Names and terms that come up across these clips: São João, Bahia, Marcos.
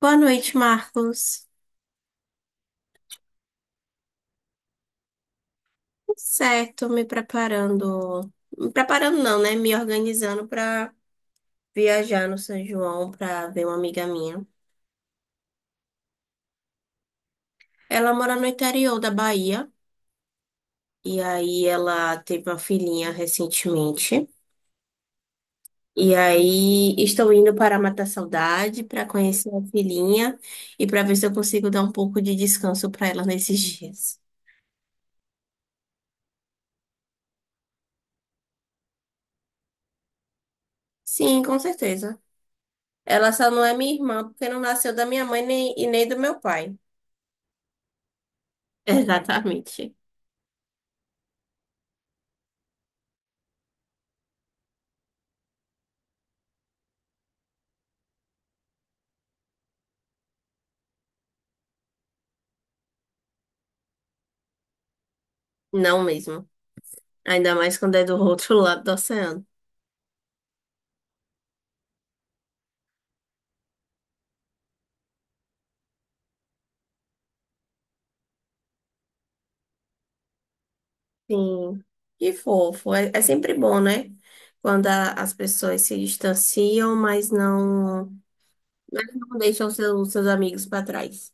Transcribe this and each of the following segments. Boa noite, Marcos. Tudo certo, me preparando. Me preparando não, né? Me organizando para viajar no São João para ver uma amiga minha. Ela mora no interior da Bahia e aí ela teve uma filhinha recentemente. E aí estou indo para matar saudade, para conhecer a filhinha e para ver se eu consigo dar um pouco de descanso para ela nesses dias. Sim, com certeza. Ela só não é minha irmã porque não nasceu da minha mãe nem, e nem do meu pai. Exatamente. Não mesmo. Ainda mais quando é do outro lado do oceano. Sim. Que fofo. É, é sempre bom, né? Quando as pessoas se distanciam, mas não deixam seus amigos para trás.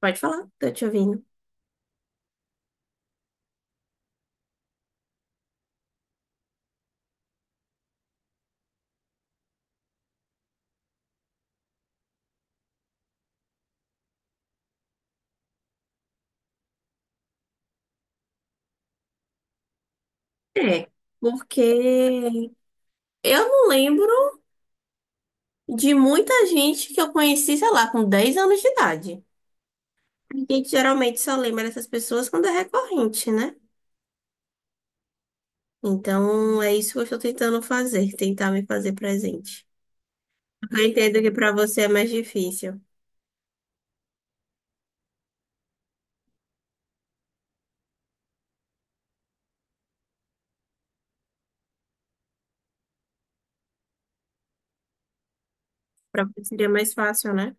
Pode falar, tô te ouvindo. É, porque eu não lembro de muita gente que eu conheci, sei lá, com 10 anos de idade. A gente geralmente só lembra dessas pessoas quando é recorrente, né? Então, é isso que eu estou tentando fazer, tentar me fazer presente. Eu entendo que para você é mais difícil, para você seria mais fácil, né?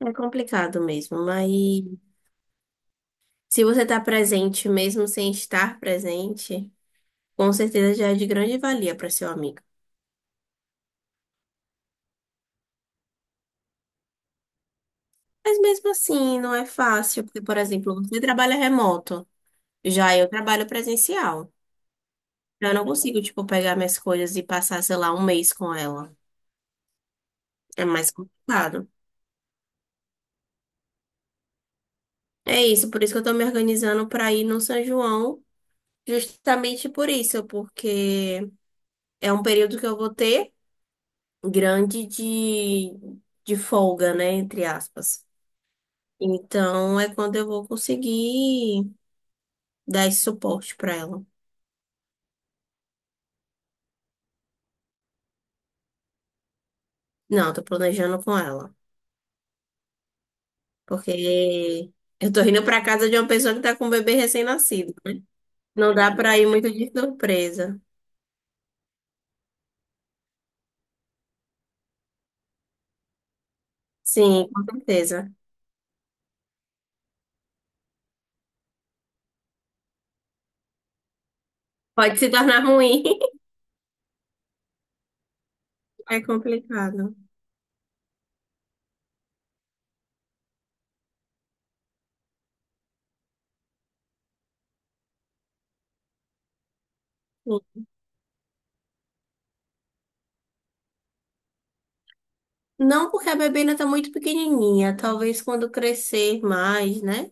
É complicado mesmo, mas se você está presente mesmo sem estar presente, com certeza já é de grande valia para seu amigo. Mas mesmo assim, não é fácil, porque, por exemplo, você trabalha remoto, já eu trabalho presencial. Eu não consigo, tipo, pegar minhas coisas e passar, sei lá, um mês com ela. É mais complicado. É isso, por isso que eu tô me organizando para ir no São João, justamente por isso, porque é um período que eu vou ter grande de folga, né, entre aspas. Então é quando eu vou conseguir dar esse suporte para ela. Não, tô planejando com ela, porque eu tô indo para casa de uma pessoa que tá com um bebê recém-nascido. Não dá para ir muito de surpresa. Sim, com certeza. Pode se tornar ruim. É complicado. Não porque a bebê ainda está muito pequenininha. Talvez quando crescer mais, né?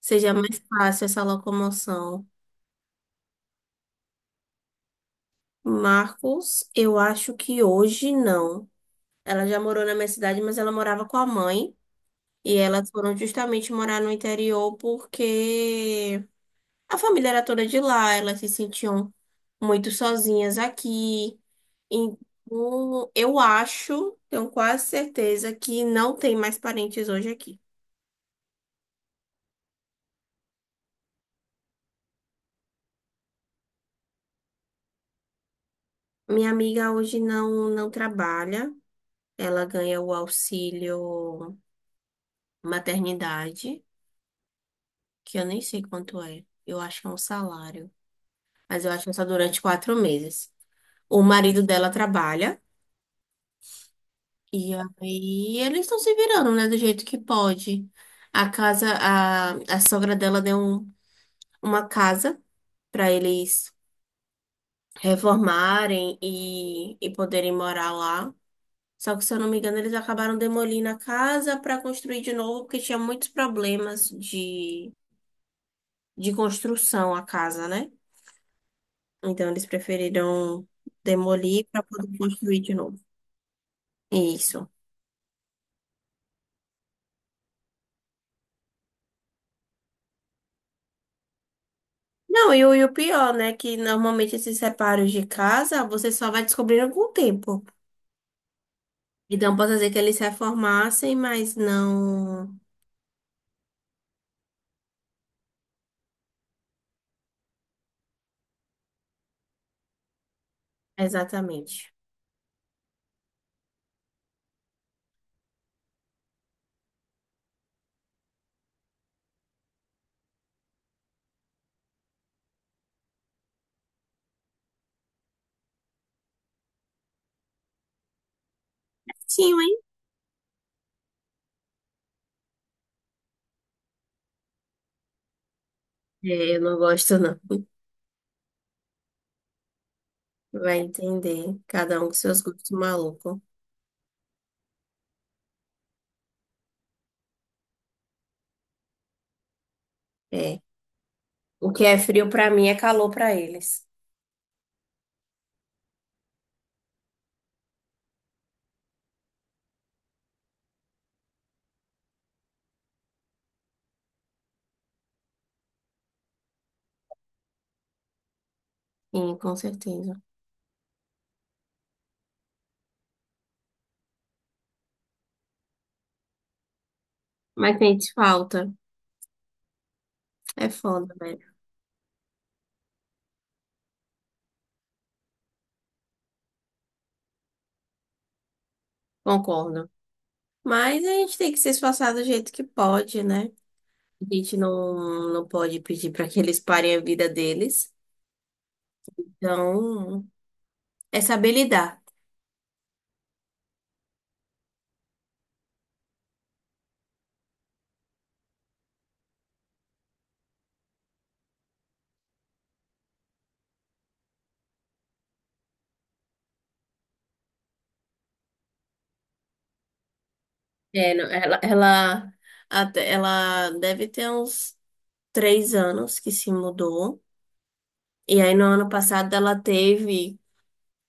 Seja mais fácil essa locomoção. Marcos, eu acho que hoje não. Ela já morou na minha cidade, mas ela morava com a mãe. E elas foram justamente morar no interior porque a família era toda de lá. Elas se sentiam muito sozinhas aqui. Então, eu acho, tenho quase certeza que não tem mais parentes hoje aqui. Minha amiga hoje não, não trabalha, ela ganha o auxílio maternidade, que eu nem sei quanto é, eu acho que é um salário, mas eu acho que é só durante 4 meses. O marido dela trabalha e aí eles estão se virando, né, do jeito que pode. A casa, a sogra dela deu uma casa para eles reformarem e poderem morar lá. Só que, se eu não me engano, eles acabaram demolindo a casa para construir de novo, porque tinha muitos problemas de construção a casa, né? Então, eles preferiram demolir para poder construir de novo. Isso. Não, e o pior, né? Que normalmente esses reparos de casa você só vai descobrindo com o tempo. Então, posso dizer que eles se reformassem, mas não exatamente. Sim, hein? É, eu não gosto, não. Vai entender. Cada um com seus gostos malucos. É. O que é frio pra mim é calor pra eles. Sim, com certeza. Mas sente falta. É foda, velho. Concordo. Mas a gente tem que se esforçar do jeito que pode, né? A gente não, não pode pedir pra que eles parem a vida deles. Então, é saber lidar. É, não, ela deve ter uns 3 anos que se mudou. E aí, no ano passado, ela teve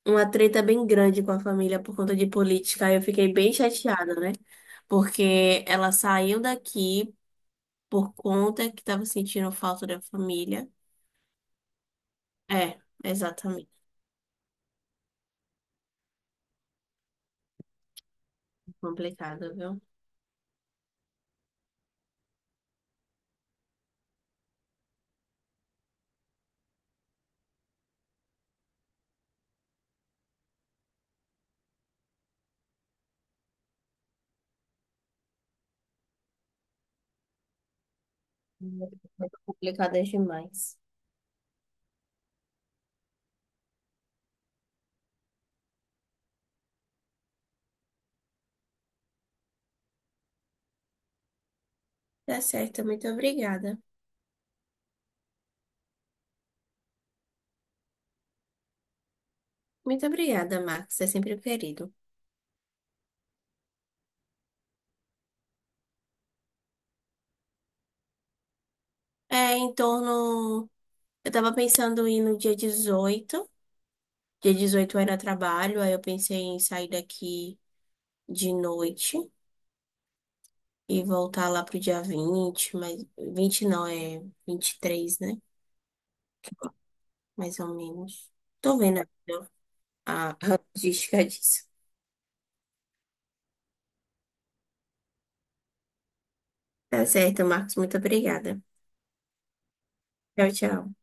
uma treta bem grande com a família por conta de política. Aí eu fiquei bem chateada, né? Porque ela saiu daqui por conta que tava sentindo falta da família. É, exatamente. Complicado, viu? Muito complicado é demais. Tá certo, muito obrigada. Muito obrigada, Max. É sempre um querido. É, em torno. Eu tava pensando em ir no dia 18. Dia 18 eu era trabalho, aí eu pensei em sair daqui de noite. E voltar lá pro dia 20, mas 20 não, é 23, né? Mais ou menos. Tô vendo a logística disso. Tá certo, Marcos. Muito obrigada. Tchau, tchau.